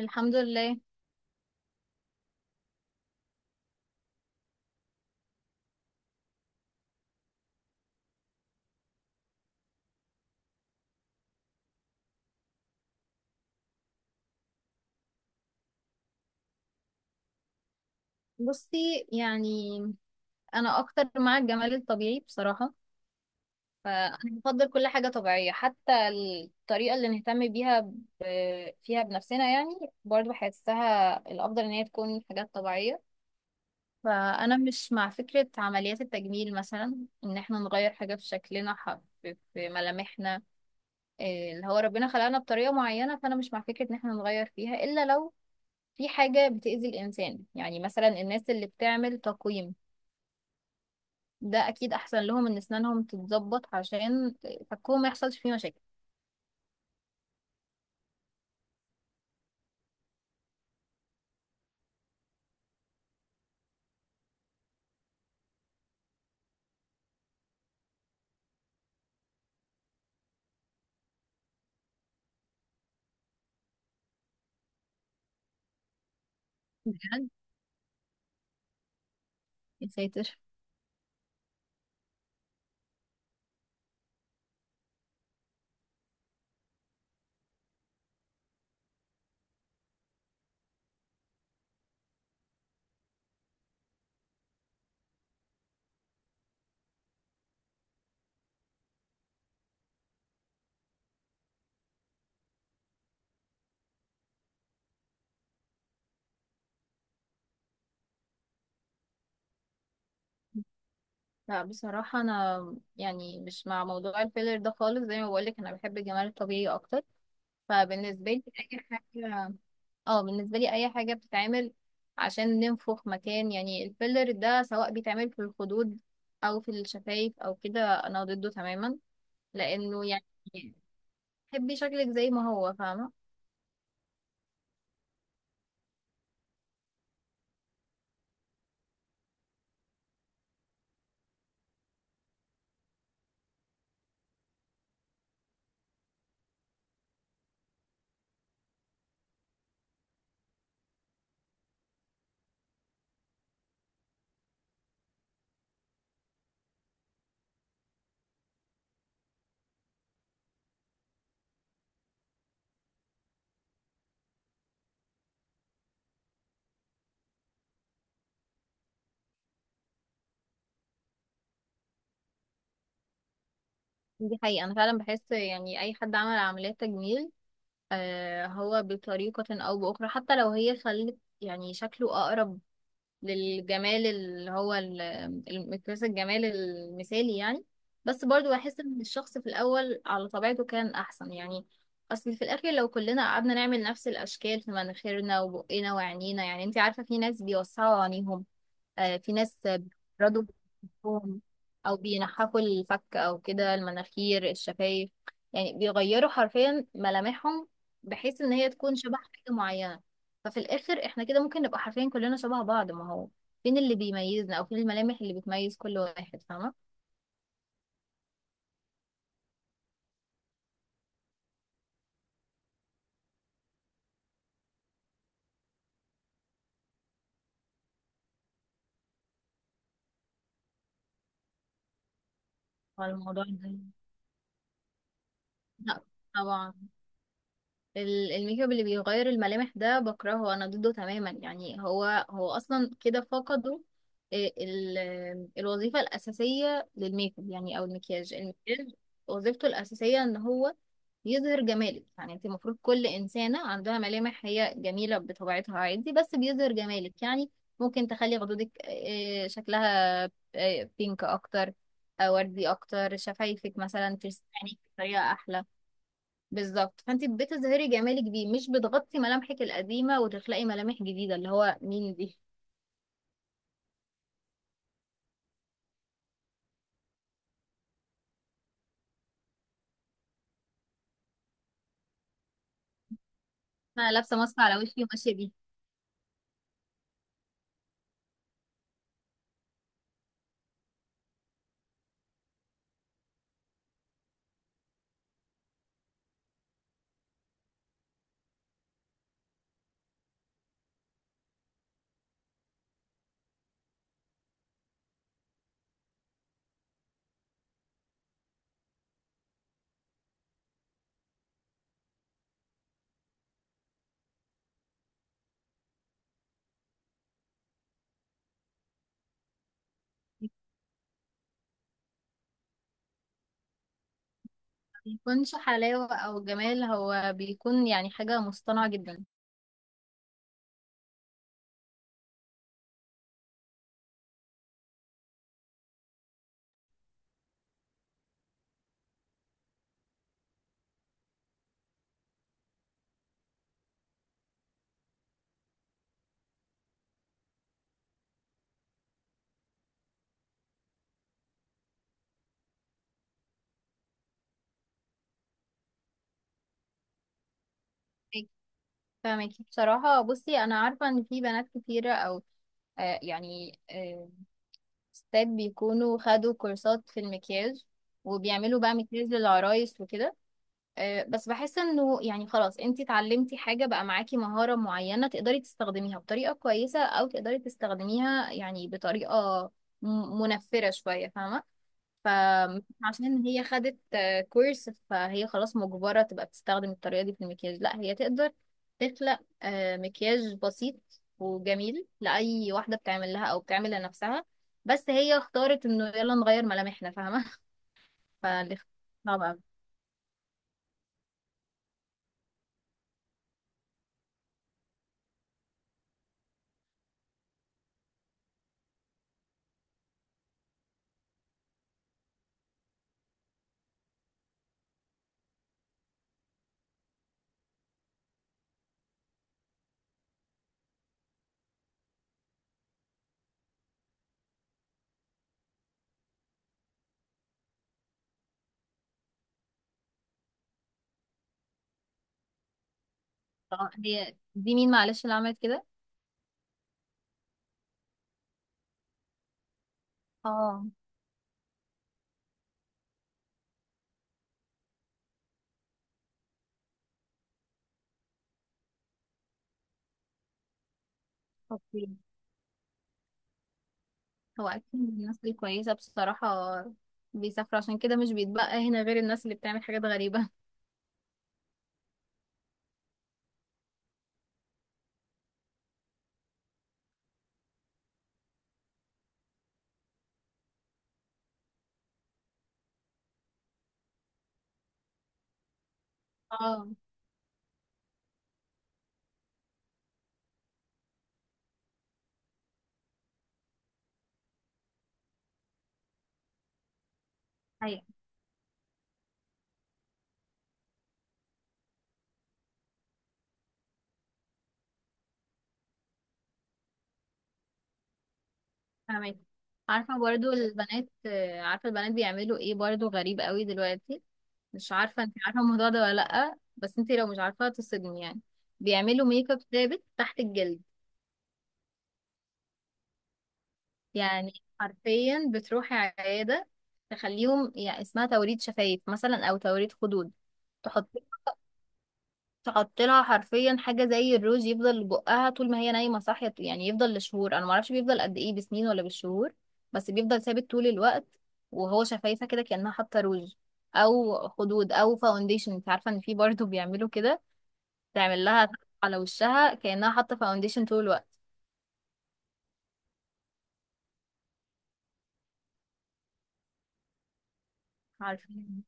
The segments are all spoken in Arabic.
الحمد لله. بصي، يعني انا اكتر مع الجمال الطبيعي بصراحه. فانا بفضل كل حاجه طبيعيه، حتى الطريقه اللي نهتم بيها فيها بنفسنا، يعني برضو بحسها الافضل ان هي تكون حاجات طبيعيه. فانا مش مع فكره عمليات التجميل، مثلا ان احنا نغير حاجه في شكلنا، في ملامحنا. اللي هو ربنا خلقنا بطريقه معينه، فانا مش مع فكره ان احنا نغير فيها الا لو في حاجة بتأذي الإنسان. يعني مثلا الناس اللي بتعمل تقويم، ده اكيد احسن لهم ان اسنانهم تتظبط عشان فكهم ما يحصلش فيه مشاكل. بجد. يا ساتر. لا، بصراحة أنا يعني مش مع موضوع الفيلر ده خالص، زي ما بقولك أنا بحب الجمال الطبيعي أكتر. فبالنسبة لي أي حاجة، اه، بالنسبة لي أي حاجة بتتعمل عشان ننفخ مكان، يعني الفيلر ده سواء بيتعمل في الخدود أو في الشفايف أو كده. أنا ضده تماما، لأنه يعني تحبي شكلك زي ما هو، فاهمة. دي حقيقة. أنا فعلا بحس يعني أي حد عمل عمليات تجميل هو بطريقة أو بأخرى حتى لو هي خلت يعني شكله أقرب للجمال اللي هو المقياس الجمال المثالي، يعني. بس برضو بحس إن الشخص في الأول على طبيعته كان أحسن، يعني. أصل في الآخر لو كلنا قعدنا نعمل نفس الأشكال في مناخيرنا وبقنا وعينينا، يعني أنت عارفة في ناس بيوسعوا عينيهم، في ناس بيبردوا بجسمهم، او بينحفوا الفك او كده، المناخير، الشفايف، يعني بيغيروا حرفيا ملامحهم، بحيث ان هي تكون شبه حاجة معينة. ففي الاخر احنا كده ممكن نبقى حرفيا كلنا شبه بعض، ما هو فين اللي بيميزنا او فين الملامح اللي بتميز كل واحد، فاهمة؟ هو الموضوع ده. لا. طبعا. الميك اب اللي بيغير الملامح ده بكرهه، انا ضده تماما يعني. هو اصلا كده فقدوا ال- الوظيفة الأساسية للميك اب، يعني او المكياج وظيفته الأساسية ان هو يظهر جمالك. يعني انت المفروض كل إنسانة عندها ملامح هي جميلة بطبيعتها، عادي، بس بيظهر جمالك يعني. ممكن تخلي خدودك شكلها بينك اكتر، وردي اكتر، شفايفك مثلا ترسم عينيك بطريقة احلى. بالظبط، فانت بتظهري جمالك بيه، مش بتغطي ملامحك القديمه وتخلقي ملامح جديده اللي هو مين دي. انا لابسه ماسك على وشي وماشيه بيه. ما بيكونش حلاوه او جمال، هو بيكون يعني حاجه مصطنعه جدا. فاهمك- فاهمكي، بصراحه بصي انا عارفه ان في بنات كتيره او يعني ستات بيكونوا خدوا كورسات في المكياج، وبيعملوا بقى مكياج للعرايس وكده. بس بحس انه يعني خلاص انتي اتعلمتي حاجة بقى، معاكي مهارة معينة تقدري تستخدميها بطريقة كويسة، او تقدري تستخدميها يعني بطريقة منفرة شوية، فاهمة؟ فعشان هي خدت كورس، فهي خلاص مجبرة تبقى بتستخدم الطريقة دي في المكياج. لا، هي تقدر تخلق مكياج بسيط وجميل لأي واحدة بتعمل لها او بتعمل لنفسها، بس هي اختارت انه يلا نغير ملامحنا، فاهمة؟ فالاختيار صعب أوي. طب هي دي مين معلش اللي عملت كده؟ اه. اوكي. هو اكيد الناس دي كويسة بصراحة، بيسافروا عشان كده، مش بيتبقى هنا غير الناس اللي بتعمل حاجات غريبة. اه، ايوه، فاهمك. عارفة برضو البنات، عارفة البنات بيعملوا ايه، برضو غريب قوي دلوقتي. مش عارفة، انت عارفة الموضوع ده ولا لأ؟ بس انت لو مش عارفة تصدمي يعني، بيعملوا ميك اب ثابت تحت الجلد. يعني حرفيا بتروحي عيادة تخليهم، يعني اسمها توريد شفايف مثلا، او توريد خدود. تحط لها حرفيا حاجه زي الروج يفضل بقها طول ما هي نايمه، صاحيه، يعني يفضل لشهور، انا ما اعرفش بيفضل قد ايه بسنين ولا بالشهور، بس بيفضل ثابت طول الوقت. وهو شفايفه كده كانها حاطه روج، او خدود، او فاونديشن. انت عارفه ان في برضه بيعملوا كده، تعمل لها على وشها كانها حاطه فاونديشن طول الوقت. عارفين؟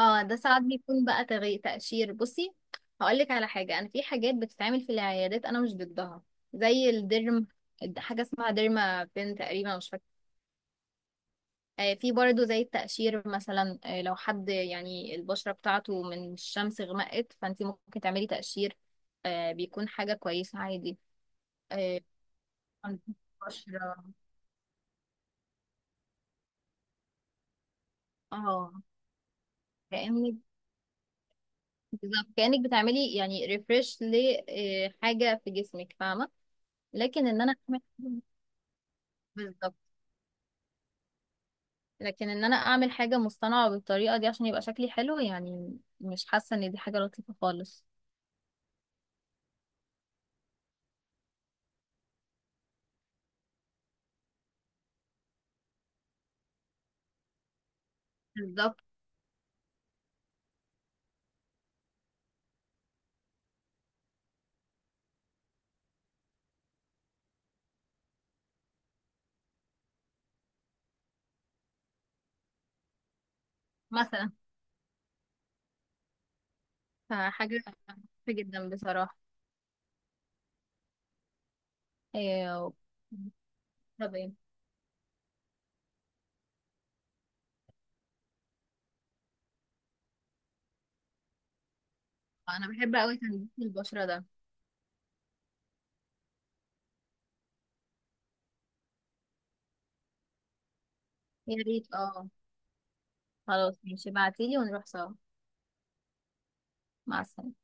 اه، ده ساعات بيكون بقى تقشير. بصي، هقول لك على حاجه. انا في حاجات بتتعمل في العيادات انا مش ضدها، زي الديرم، حاجه اسمها ديرما بين تقريبا، مش فاكره. في برضه زي التقشير مثلا، لو حد يعني البشرة بتاعته من الشمس غمقت، فانت ممكن تعملي تقشير، بيكون حاجة كويسة عادي. آه، بشرة، اه، كأنك بالظبط كأنك بتعملي يعني ريفرش لحاجة في جسمك، فاهمة؟ لكن ان انا اعمل بالظبط، لكن ان انا اعمل حاجة مصطنعة بالطريقة دي عشان يبقى شكلي حلو، يعني مش حاسة ان دي حاجة لطيفة خالص. بالظبط. مثلا. فحاجة لطيفة جدا بصراحة. ايوه. تمام. انا بحب قوي تنظيف البشرة ده. يا ريت. اه، خلاص ماشي، ابعتيلي ونروح سوا. مع السلامة.